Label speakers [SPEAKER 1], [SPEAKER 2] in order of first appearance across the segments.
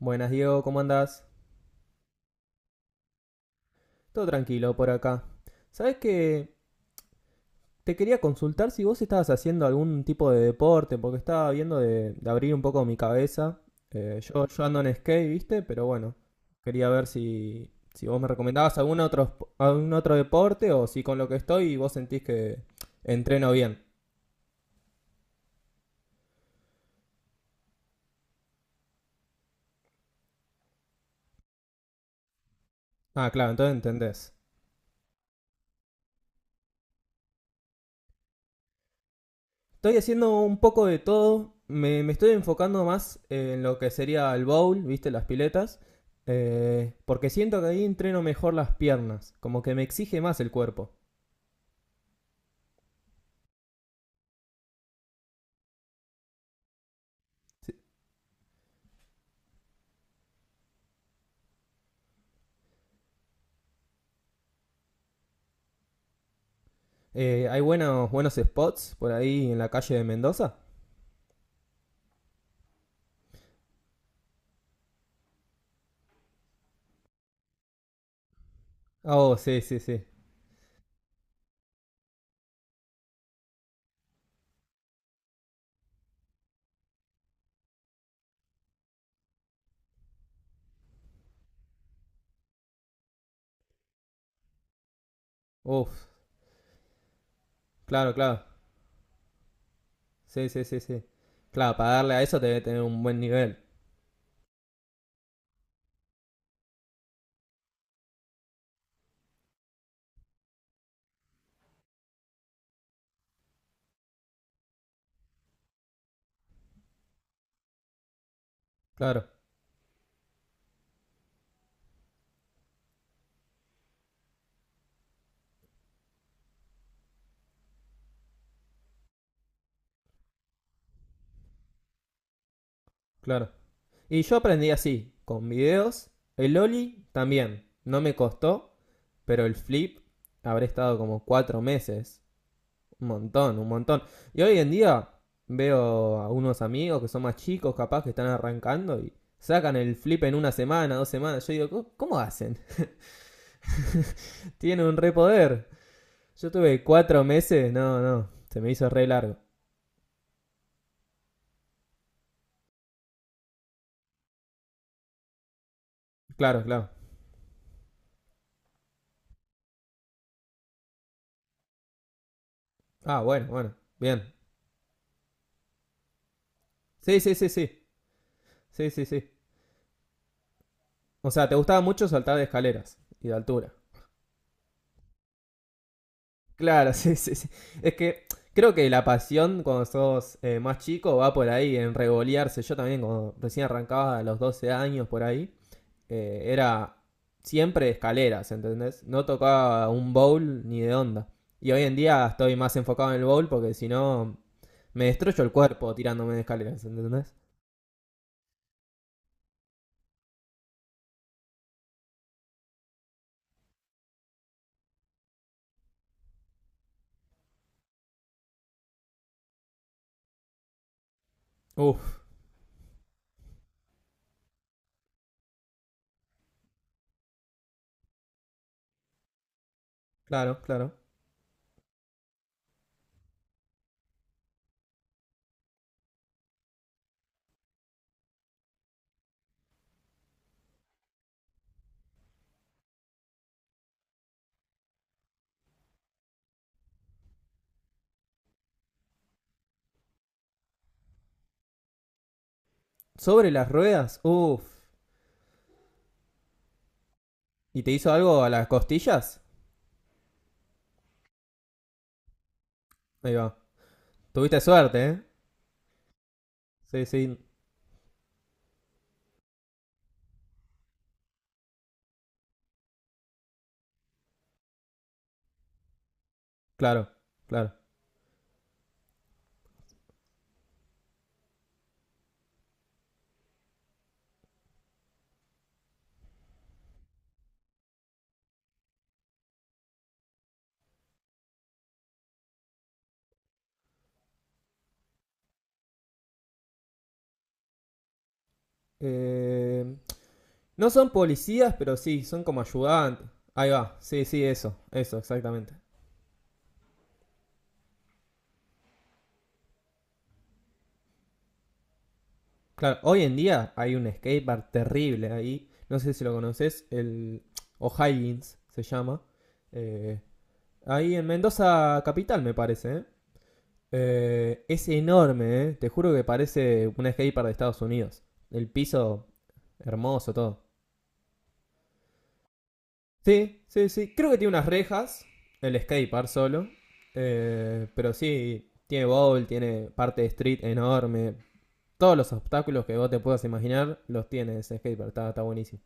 [SPEAKER 1] Buenas, Diego, ¿cómo andás? Todo tranquilo por acá. ¿Sabés que te quería consultar si vos estabas haciendo algún tipo de deporte? Porque estaba viendo de abrir un poco mi cabeza. Yo ando en skate, ¿viste? Pero bueno, quería ver si vos me recomendabas algún otro, algún otro deporte o si con lo que estoy vos sentís que entreno bien. Ah, claro, entonces entendés. Estoy haciendo un poco de todo. Me estoy enfocando más en lo que sería el bowl, ¿viste? Las piletas. Porque siento que ahí entreno mejor las piernas. Como que me exige más el cuerpo. Hay buenos spots por ahí en la calle de Mendoza. Oh, sí, sí, sí. Uf, claro, claro. Sí, sí, sí, sí. Claro, para darle a eso te debe tener un buen nivel. Claro, claro. Y yo aprendí así, con videos. El Oli también. No me costó. Pero el flip habré estado como 4 meses. Un montón, un montón. Y hoy en día veo a unos amigos que son más chicos, capaz que están arrancando y sacan el flip en una semana, 2 semanas. Yo digo, "¿Cómo hacen? Tienen un re poder". Yo tuve 4 meses, no, no, se me hizo re largo. Claro, claro. Ah, bueno, bueno, bien. Sí, sí, sí, sí. Sí, sí, sí. O sea, te gustaba mucho saltar de escaleras y de altura. Claro, sí, sí, sí. Es que creo que la pasión cuando sos más chico va por ahí, en regolearse. Yo también, cuando recién arrancaba a los 12 años por ahí, era siempre escaleras, ¿entendés? No tocaba un bowl ni de onda. Y hoy en día estoy más enfocado en el bowl porque si no me destrozo el cuerpo tirándome de escaleras, ¿entendés? Uf, claro, claro. Sobre las ruedas, uf. ¿Y te hizo algo a las costillas? Ahí va. Tuviste suerte, ¿eh? Sí, sí, claro, claro. Eh, no son policías, pero sí, son como ayudantes. Ahí va, sí, sí, eso, exactamente. Claro, hoy en día hay un skatepark terrible ahí. No sé si lo conoces, el O'Higgins se llama. Eh, Ahí en Mendoza Capital, me parece, ¿eh? Es enorme, ¿eh? Te juro que parece un skatepark de Estados Unidos. El piso hermoso, todo. Sí, sí, sí. Creo que tiene unas rejas, el skatepark solo. Pero sí, tiene bowl, tiene parte de street enorme. Todos los obstáculos que vos te puedas imaginar los tiene ese skatepark, está, está buenísimo.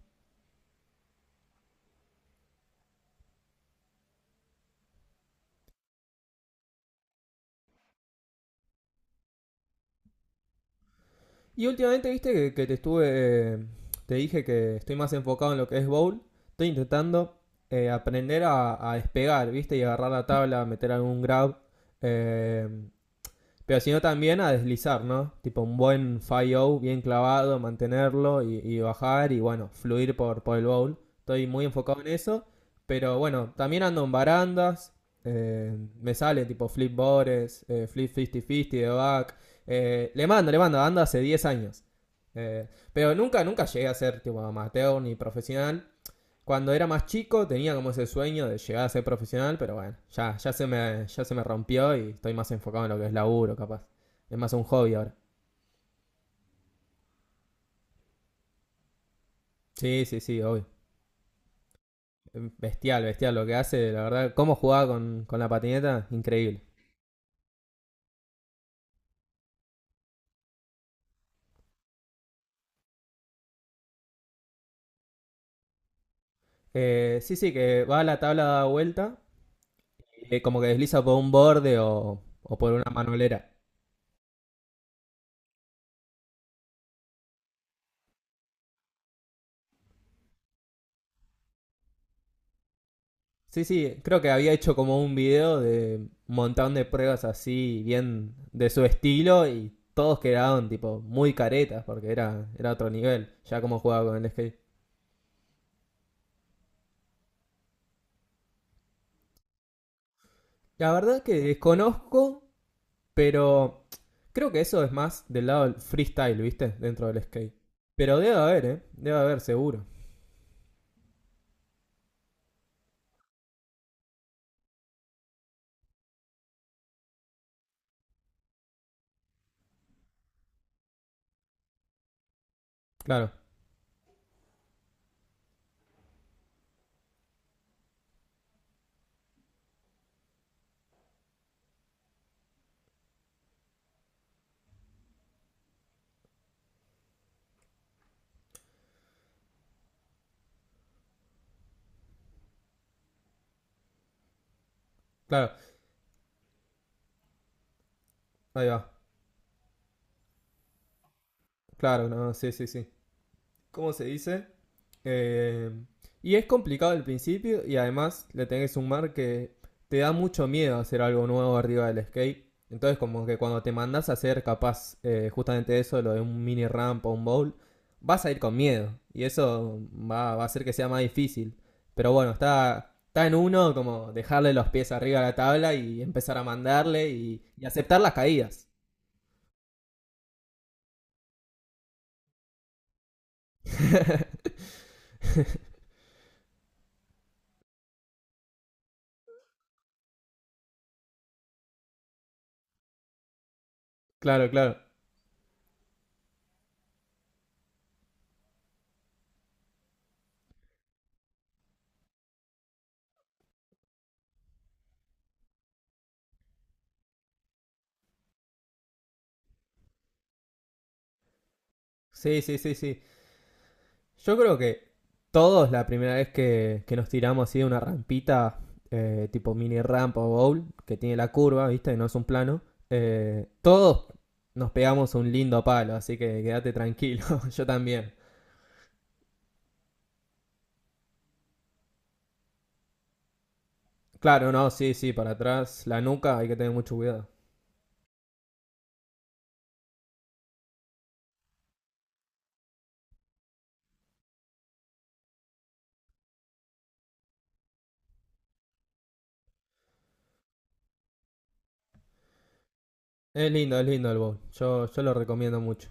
[SPEAKER 1] Y últimamente, viste que te estuve. eh, Te dije que estoy más enfocado en lo que es bowl. Estoy intentando aprender a despegar, viste, y agarrar la tabla, meter algún grab. Eh, Pero sino también a deslizar, ¿no? Tipo un buen 5 bien clavado, mantenerlo y bajar y bueno, fluir por el bowl. Estoy muy enfocado en eso. Pero bueno, también ando en barandas. eh, Me sale tipo flip bores, flip 50-50 de back. Le mando, le mando, ando hace 10 años. Pero nunca, nunca llegué a ser tipo amateur ni profesional. Cuando era más chico tenía como ese sueño de llegar a ser profesional, pero bueno, ya se me rompió y estoy más enfocado en lo que es laburo, capaz. Es más un hobby ahora. Sí, sí, sí, obvio. Bestial, bestial lo que hace, la verdad. Cómo jugaba con la patineta, increíble. Sí, sí, que va a la tabla da vuelta, como que desliza por un borde o por una manolera. Sí, sí, creo que había hecho como un video de un montón de pruebas así, bien de su estilo, y todos quedaron tipo muy caretas porque era otro nivel, ya como jugaba con el skate. La verdad que desconozco, pero creo que eso es más del lado del freestyle, ¿viste? Dentro del skate. Pero debe haber, ¿eh? Debe haber, seguro. Claro, claro. Ahí va. Claro, no, sí, sí, sí. ¿Cómo se dice? Eh, y es complicado al principio y además le tenés que sumar que te da mucho miedo hacer algo nuevo arriba del skate. Entonces como que cuando te mandas a hacer capaz justamente eso, lo de un mini ramp o un bowl, vas a ir con miedo. Y eso va a hacer que sea más difícil. Pero bueno, está, está en uno como dejarle los pies arriba a la tabla y empezar a mandarle y aceptar las caídas. claro, claro. Sí, sí, sí, sí. Yo creo que todos la primera vez que nos tiramos así de una rampita, tipo mini rampa o bowl, que tiene la curva, ¿viste? No es un plano. Todos nos pegamos un lindo palo, así que quédate tranquilo, yo también. Claro, no, sí, sí, para atrás, la nuca, hay que tener mucho cuidado. Es lindo el bowl, yo lo recomiendo mucho.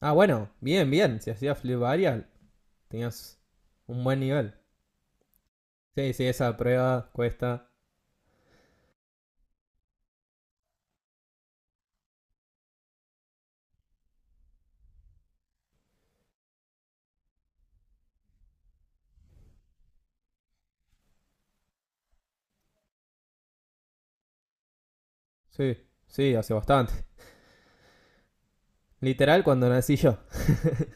[SPEAKER 1] Ah, bueno, bien, bien, si hacías flip varial, tenías un buen nivel. Sí, sí, esa prueba cuesta. Sí, sí, hace bastante. Literal cuando nací yo.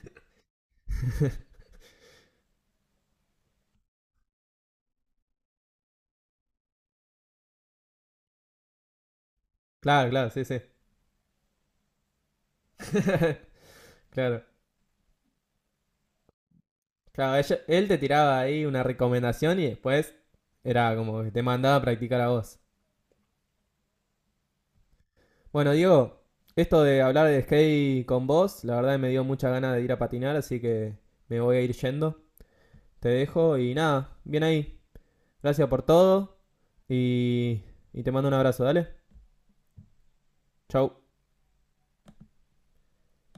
[SPEAKER 1] claro, claro, sí, sí. claro. Claro, ella- él te tiraba ahí una recomendación y después era como que te mandaba a practicar a vos. Bueno, Diego, esto de hablar de skate con vos, la verdad me dio mucha ganas de ir a patinar, así que me voy a ir yendo. Te dejo y nada, bien ahí. Gracias por todo y, y te mando un abrazo, dale. Chau.